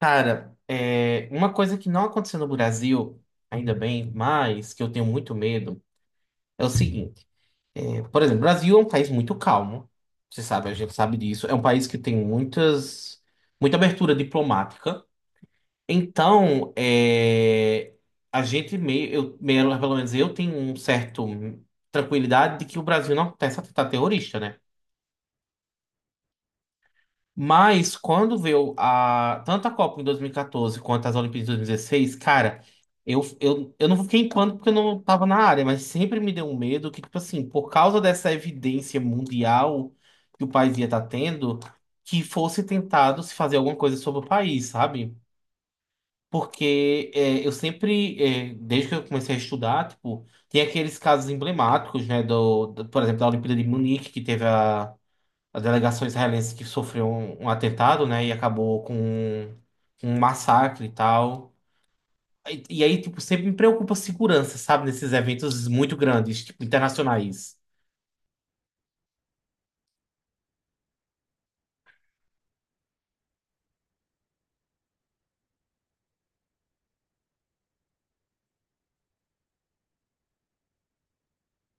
Cara, uma coisa que não aconteceu no Brasil, ainda bem, mas que eu tenho muito medo, é o seguinte. Por exemplo, o Brasil é um país muito calmo, você sabe, a gente sabe disso. É um país que tem muita abertura diplomática. Então, a gente meio, eu, meio, pelo menos eu tenho um certo tranquilidade de que o Brasil não começa a tentar terrorista, né? Mas quando veio tanto a Copa em 2014 quanto as Olimpíadas de 2016, cara, eu não fiquei em pânico porque eu não tava na área, mas sempre me deu um medo que, tipo assim, por causa dessa evidência mundial que o país ia estar tendo, que fosse tentado se fazer alguma coisa sobre o país, sabe? Porque eu sempre, desde que eu comecei a estudar, tipo, tem aqueles casos emblemáticos, né, por exemplo, da Olimpíada de Munique, que teve a delegação israelense que sofreu um atentado, né? E acabou com um massacre e tal. E aí, tipo, sempre me preocupa a segurança, sabe? Nesses eventos muito grandes, tipo, internacionais.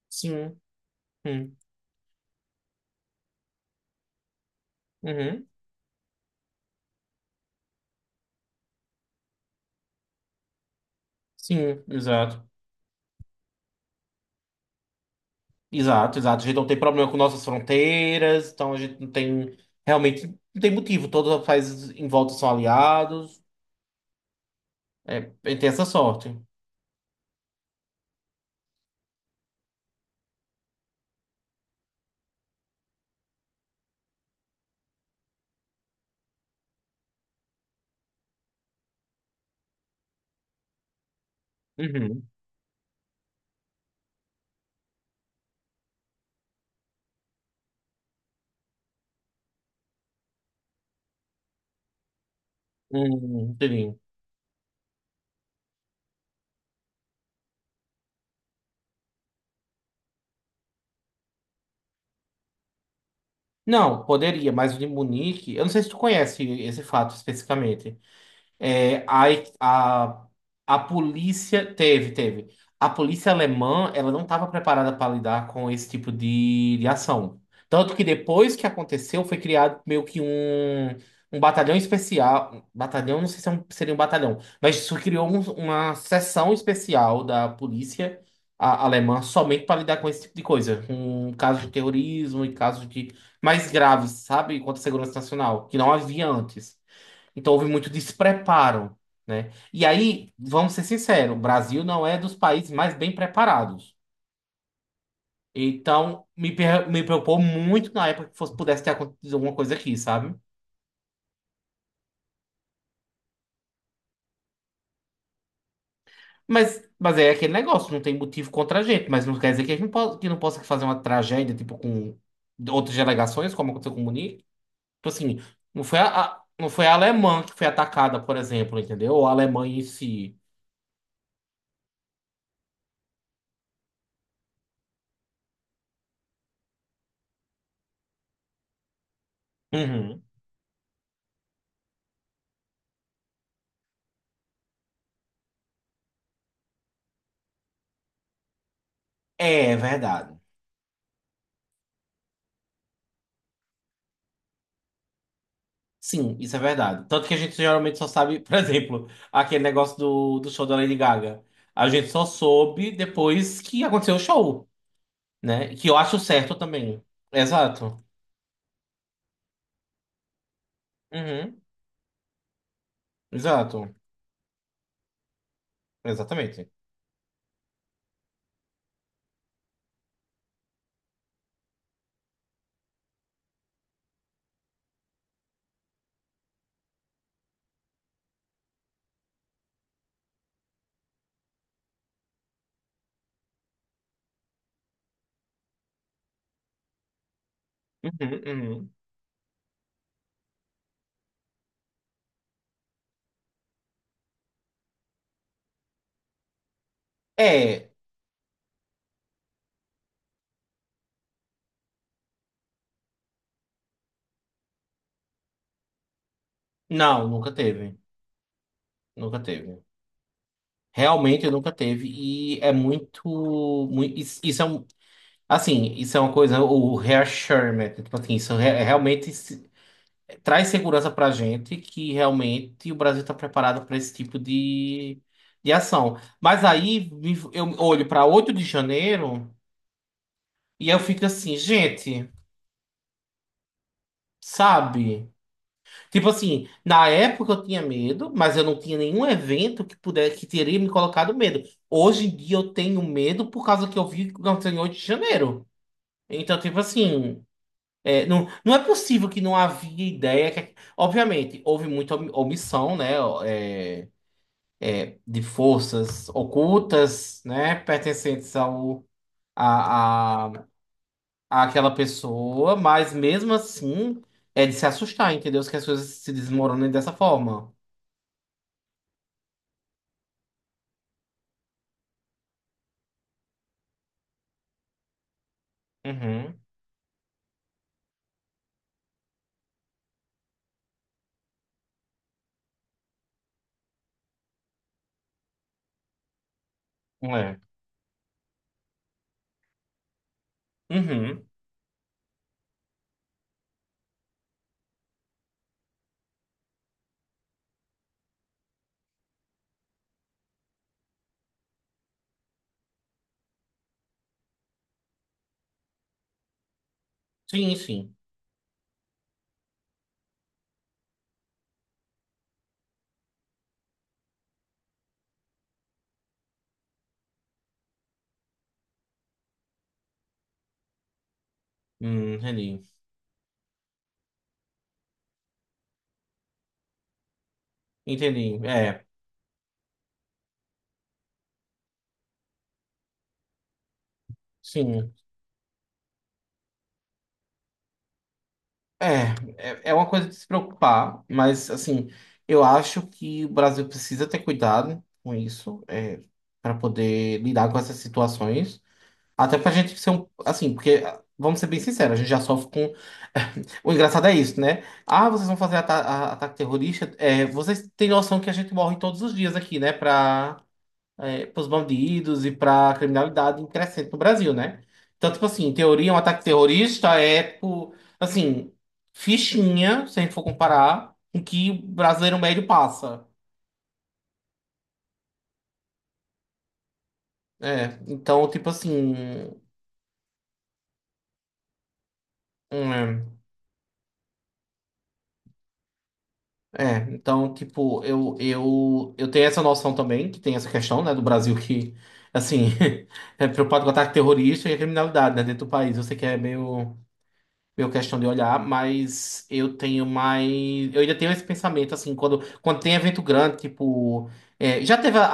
Sim, hum, uhum, sim, exato. Exato, exato. A gente não tem problema com nossas fronteiras, então a gente não tem. Realmente não tem motivo. Todos os países em volta são aliados. É, tem essa sorte. Uhum. Uhum, entendi. Não, poderia, mas o de Munique, eu não sei se tu conhece esse fato especificamente. É, a, a polícia teve. A polícia alemã, ela não estava preparada para lidar com esse tipo de ação. Tanto que depois que aconteceu, foi criado meio que um batalhão especial. Um batalhão, não sei se seria um batalhão, mas isso criou uma seção especial da polícia alemã somente para lidar com esse tipo de coisa. Com casos de terrorismo e casos de mais graves, sabe? Contra a segurança nacional, que não havia antes. Então houve muito despreparo, né? E aí, vamos ser sinceros, o Brasil não é dos países mais bem preparados. Então, me preocupou muito na época que fosse, pudesse ter acontecido alguma coisa aqui, sabe? Mas é aquele negócio, não tem motivo contra a gente, mas não quer dizer que a gente não possa, que não possa fazer uma tragédia, tipo, com outras delegações, como aconteceu com o Munique. Tipo assim, não foi a alemã que foi atacada, por exemplo, entendeu? Ou a Alemanha em si. Uhum. É, é verdade. Sim, isso é verdade. Tanto que a gente geralmente só sabe, por exemplo, aquele negócio do show da Lady Gaga. A gente só soube depois que aconteceu o show, né? Que eu acho certo também. Exato. Uhum. Exato. Exatamente. Uhum, uhum. É. Não, nunca teve. Nunca teve. Realmente nunca teve. E é muito. Muito isso, isso é um. Assim, isso é uma coisa, o reassurement. Tipo assim, isso é realmente. Traz segurança para a gente que realmente o Brasil está preparado para esse tipo de ação. Mas aí eu olho para 8 de janeiro e eu fico assim, gente, sabe? Tipo assim, na época eu tinha medo, mas eu não tinha nenhum evento que pudesse que teria me colocado medo. Hoje em dia eu tenho medo por causa que eu vi o que aconteceu em 8 de janeiro. Então, tipo assim, não, não é possível que não havia ideia que obviamente, houve muita omissão, né? É, de forças ocultas, né, pertencentes a, a, àquela pessoa, mas mesmo assim é de se assustar, entendeu? Que as coisas se desmoronem dessa forma. Uhum, é. Uhum. Sim, sim. Entendi. Entendi. É, sim. É, é uma coisa de se preocupar, mas assim, eu acho que o Brasil precisa ter cuidado com isso, para poder lidar com essas situações. Até pra gente ser um. Assim, porque, vamos ser bem sinceros, a gente já sofre com. O engraçado é isso, né? Ah, vocês vão fazer ataque terrorista. É, vocês têm noção que a gente morre todos os dias aqui, né? Pra, pros bandidos e pra criminalidade em crescente no Brasil, né? Então, tipo assim, em teoria, um ataque terrorista é, tipo, assim, fichinha, se a gente for comparar, com o que o brasileiro médio passa. É, então, tipo assim. hum, É, então, tipo, eu tenho essa noção também, que tem essa questão, né, do Brasil que, assim, é preocupado com ataque terrorista e a criminalidade, né, dentro do país. Eu sei que é meio, meio questão de olhar, mas eu tenho mais. Eu ainda tenho esse pensamento, assim, quando tem evento grande, tipo. Já teve a,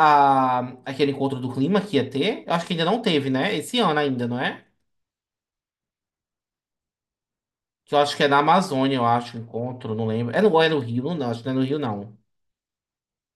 a- aquele encontro do clima que ia ter? Eu acho que ainda não teve, né? Esse ano ainda, não é? Que eu acho que é na Amazônia, eu acho, o encontro, não lembro. É no Rio, não, acho que não é no Rio, não.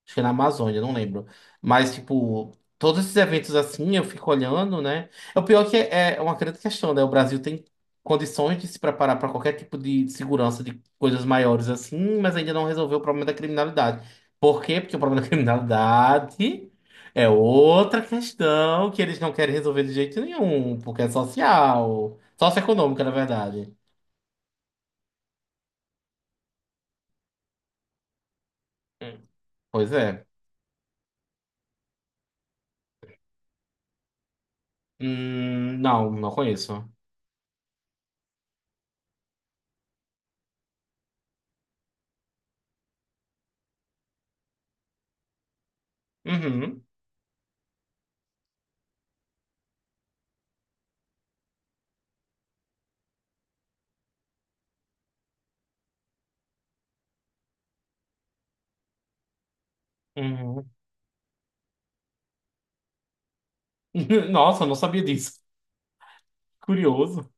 Acho que é na Amazônia, não lembro. Mas, tipo, todos esses eventos assim, eu fico olhando, né? É o pior que é é uma grande questão, né? O Brasil tem condições de se preparar para qualquer tipo de segurança de coisas maiores assim, mas ainda não resolveu o problema da criminalidade. Por quê? Porque o problema da criminalidade é outra questão que eles não querem resolver de jeito nenhum, porque é social, socioeconômica, na verdade. Hum. Pois é. Não, não conheço. Uhum, uhum. Nossa, eu não sabia disso. Curioso.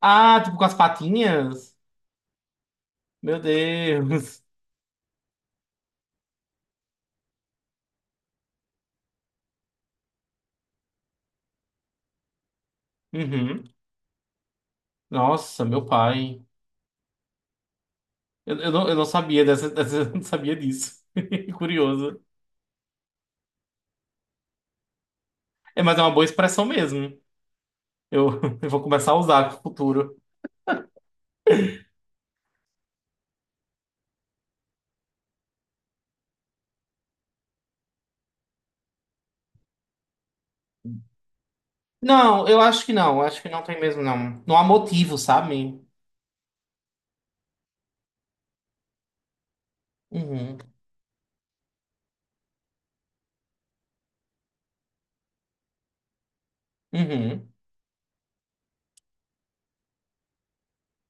Ah, tipo com as patinhas? Meu Deus. Uhum. Nossa, meu pai. Eu não sabia dessa, dessa- eu não sabia disso. Curioso. É, mas é uma boa expressão mesmo. Eu vou começar a usar pro futuro. Não, eu acho que não. Acho que não tem mesmo, não. Não há motivo, sabe? Uhum. Uhum.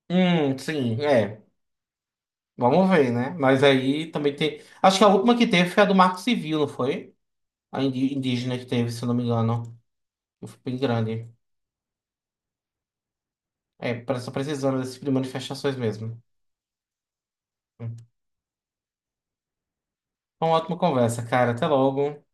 Sim, é. Vamos ver, né? Mas aí também tem. Acho que a última que teve foi a do Marco Civil, não foi? Indígena que teve, se eu não me engano. E foi bem grande. Só precisando desse tipo de manifestações mesmo. Uma ótima conversa, cara. Até logo.